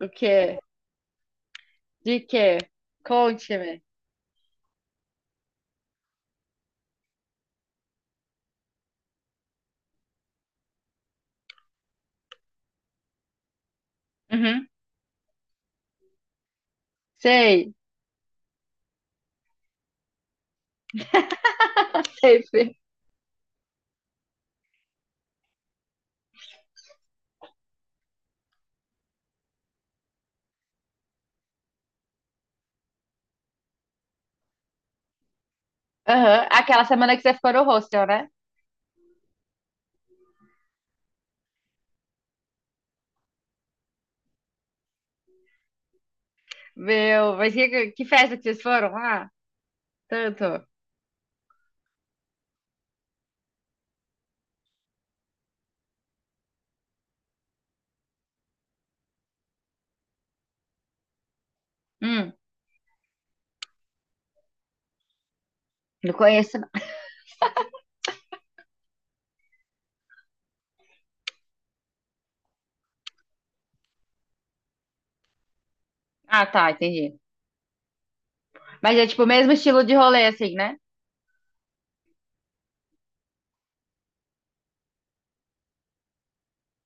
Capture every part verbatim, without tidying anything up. O quê? De quê? Conte-me. Uhum. Sei. Sempre. Aham. Aquela semana que você ficou no hostel, né? Meu, mas que, que festa que vocês foram lá? Tanto. Hum, não conheço. Não. Ah, tá, entendi. Mas é tipo o mesmo estilo de rolê, assim, né?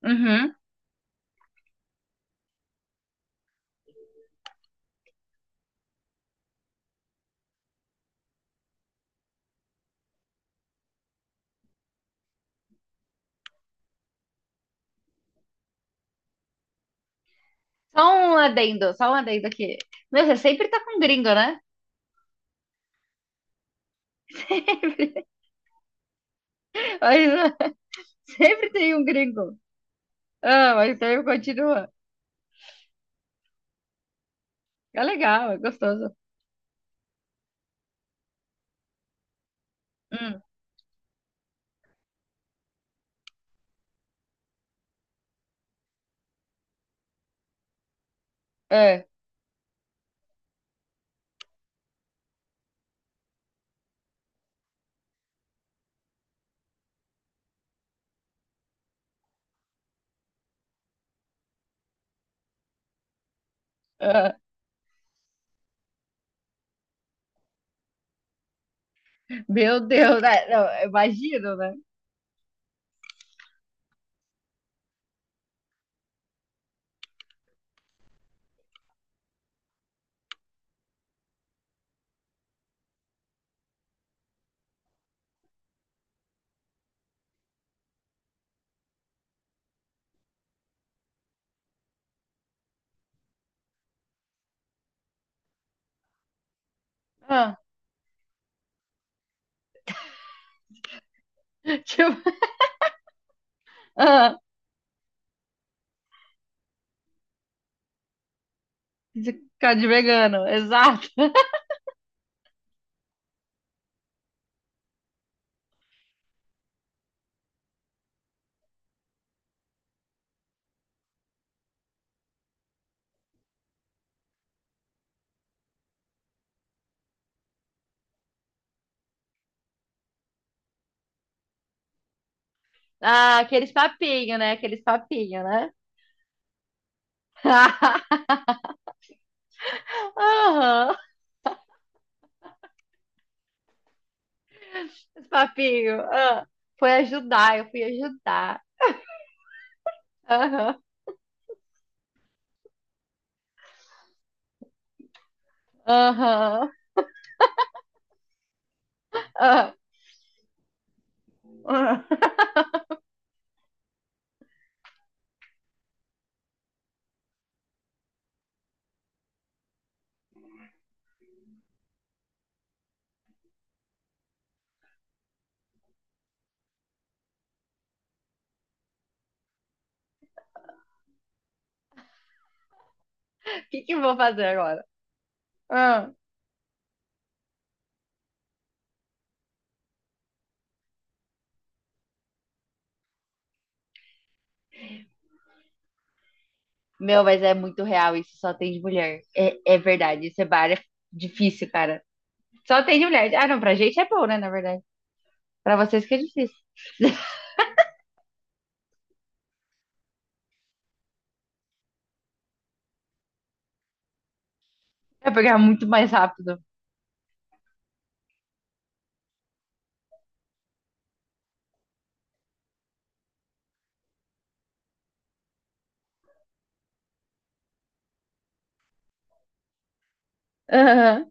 Uhum. Só um adendo, só um adendo aqui. Meu, você sempre tá com um gringo, né? Sempre. Mas, ah, sempre tem um gringo. Ah, mas então continua. É legal, é gostoso. Hum, é. É. Meu Deus, né? Não, eu imagino, né? Ah, tipo, ah, cara de vegano, exato. Ah, aqueles papinhos, né? Aqueles papinhos, né? Aham, os papinho. Ah. Foi ajudar, eu fui ajudar. Aham, aham, ah, ah. O que que eu vou fazer agora? Ah. Meu, mas é muito real isso, só tem de mulher. É, é verdade, esse bar é difícil, cara. Só tem de mulher. Ah, não, pra gente é bom, né, na verdade. Pra vocês que é difícil. É pegar muito mais rápido. Aham.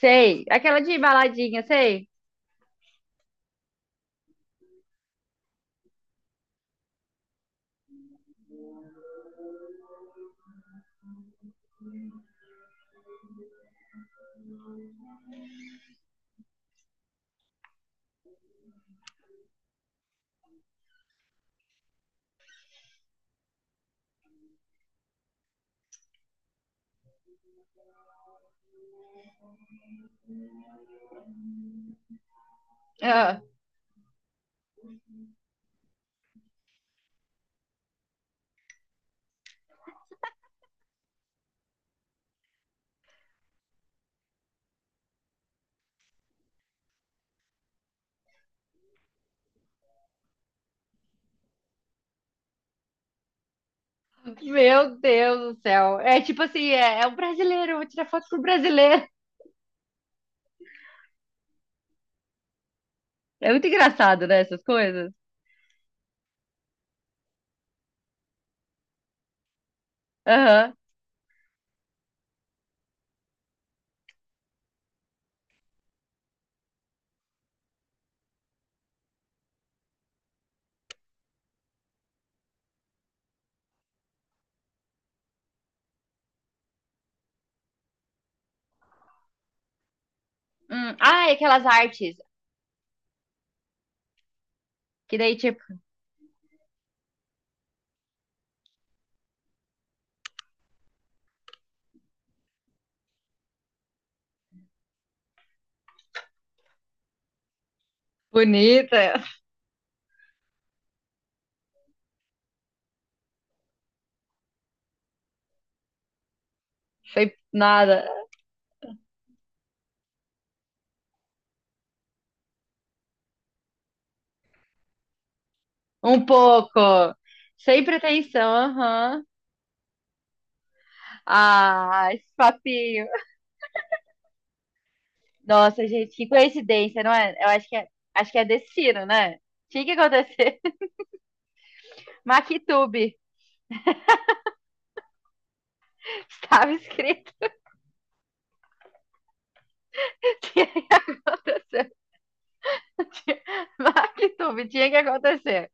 Sei. Aquela de baladinha, sei. Ah, meu Deus do céu. É tipo assim, é, é um brasileiro, eu vou tirar foto com o brasileiro. É muito engraçado, né, essas coisas. Aham. Hum. Ah, e aquelas artes. Que daí, tipo, bonita. Sem nada. Um pouco. Sem pretensão, aham. Ah, esse papinho. Nossa, gente, que coincidência, não é? Eu acho que é, acho que é destino, né? Tinha que acontecer. MacTube. Estava escrito. Tinha que acontecer. Tinha... MacTube, tinha que acontecer.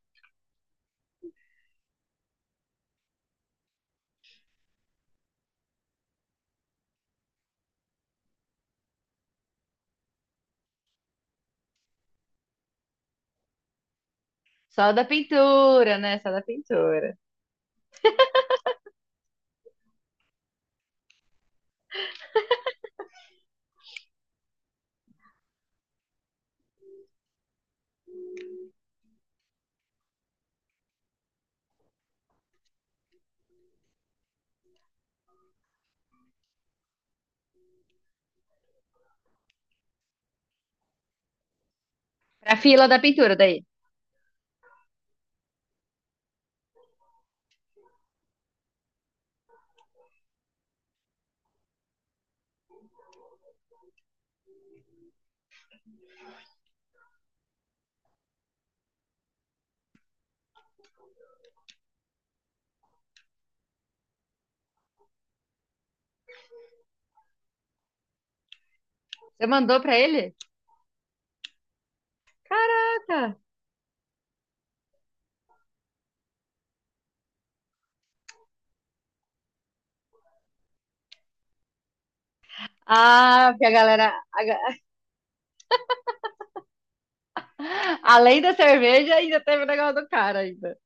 Só da pintura, né? Só da pintura. Pra fila da pintura, daí. Você mandou pra ele? Caraca! Ah, porque a galera. A ga- além da cerveja, ainda teve o negócio do cara ainda.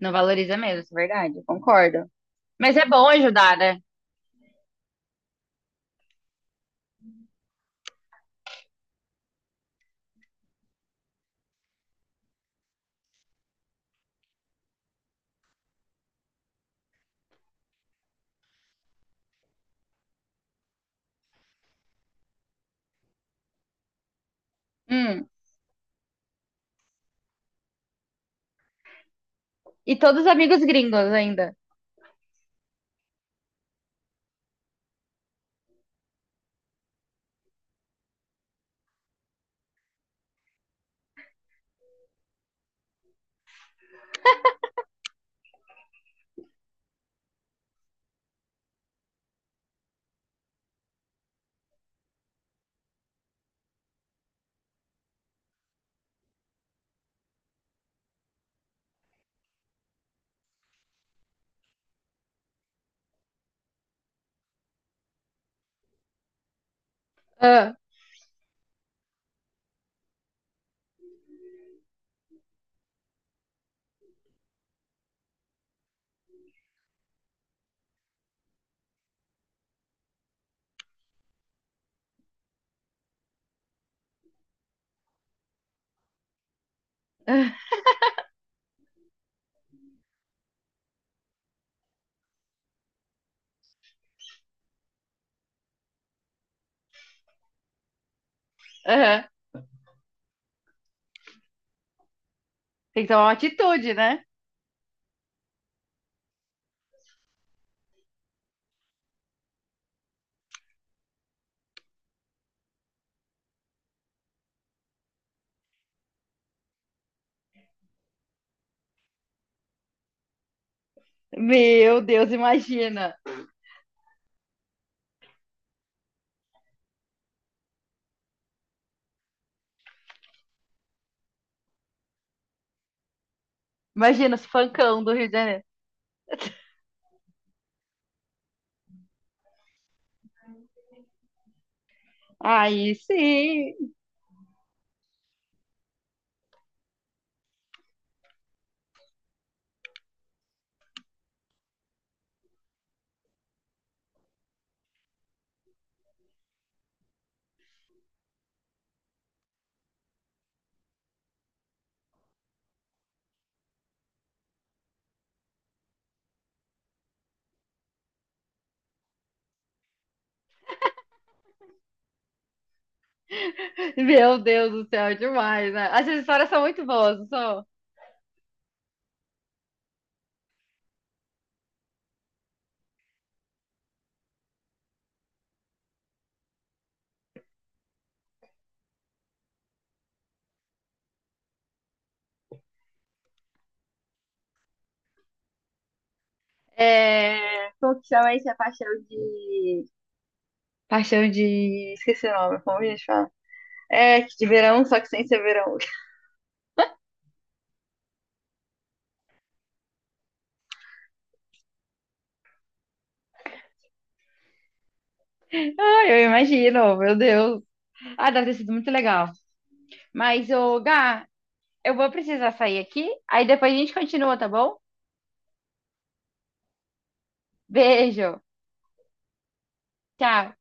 Não valoriza mesmo, isso é verdade, concordo. Mas é bom ajudar, né? Hum. E todos os amigos gringos ainda. Ah, ah, aham. Tem que tomar uma atitude, né? Meu Deus, imagina. Imagina os funkão do Rio de Janeiro. Aí sim. Meu Deus do céu, demais, né? Essas histórias são muito boas, não são? É... Como que chama isso? É paixão de... Paixão de... Esqueci o nome, como a gente fala? É, de verão, só que sem ser verão. Ah, eu imagino, meu Deus. Ah, deve ter sido muito legal. Mas, ô, Gá, eu vou precisar sair aqui, aí depois a gente continua, tá bom? Beijo. Tchau.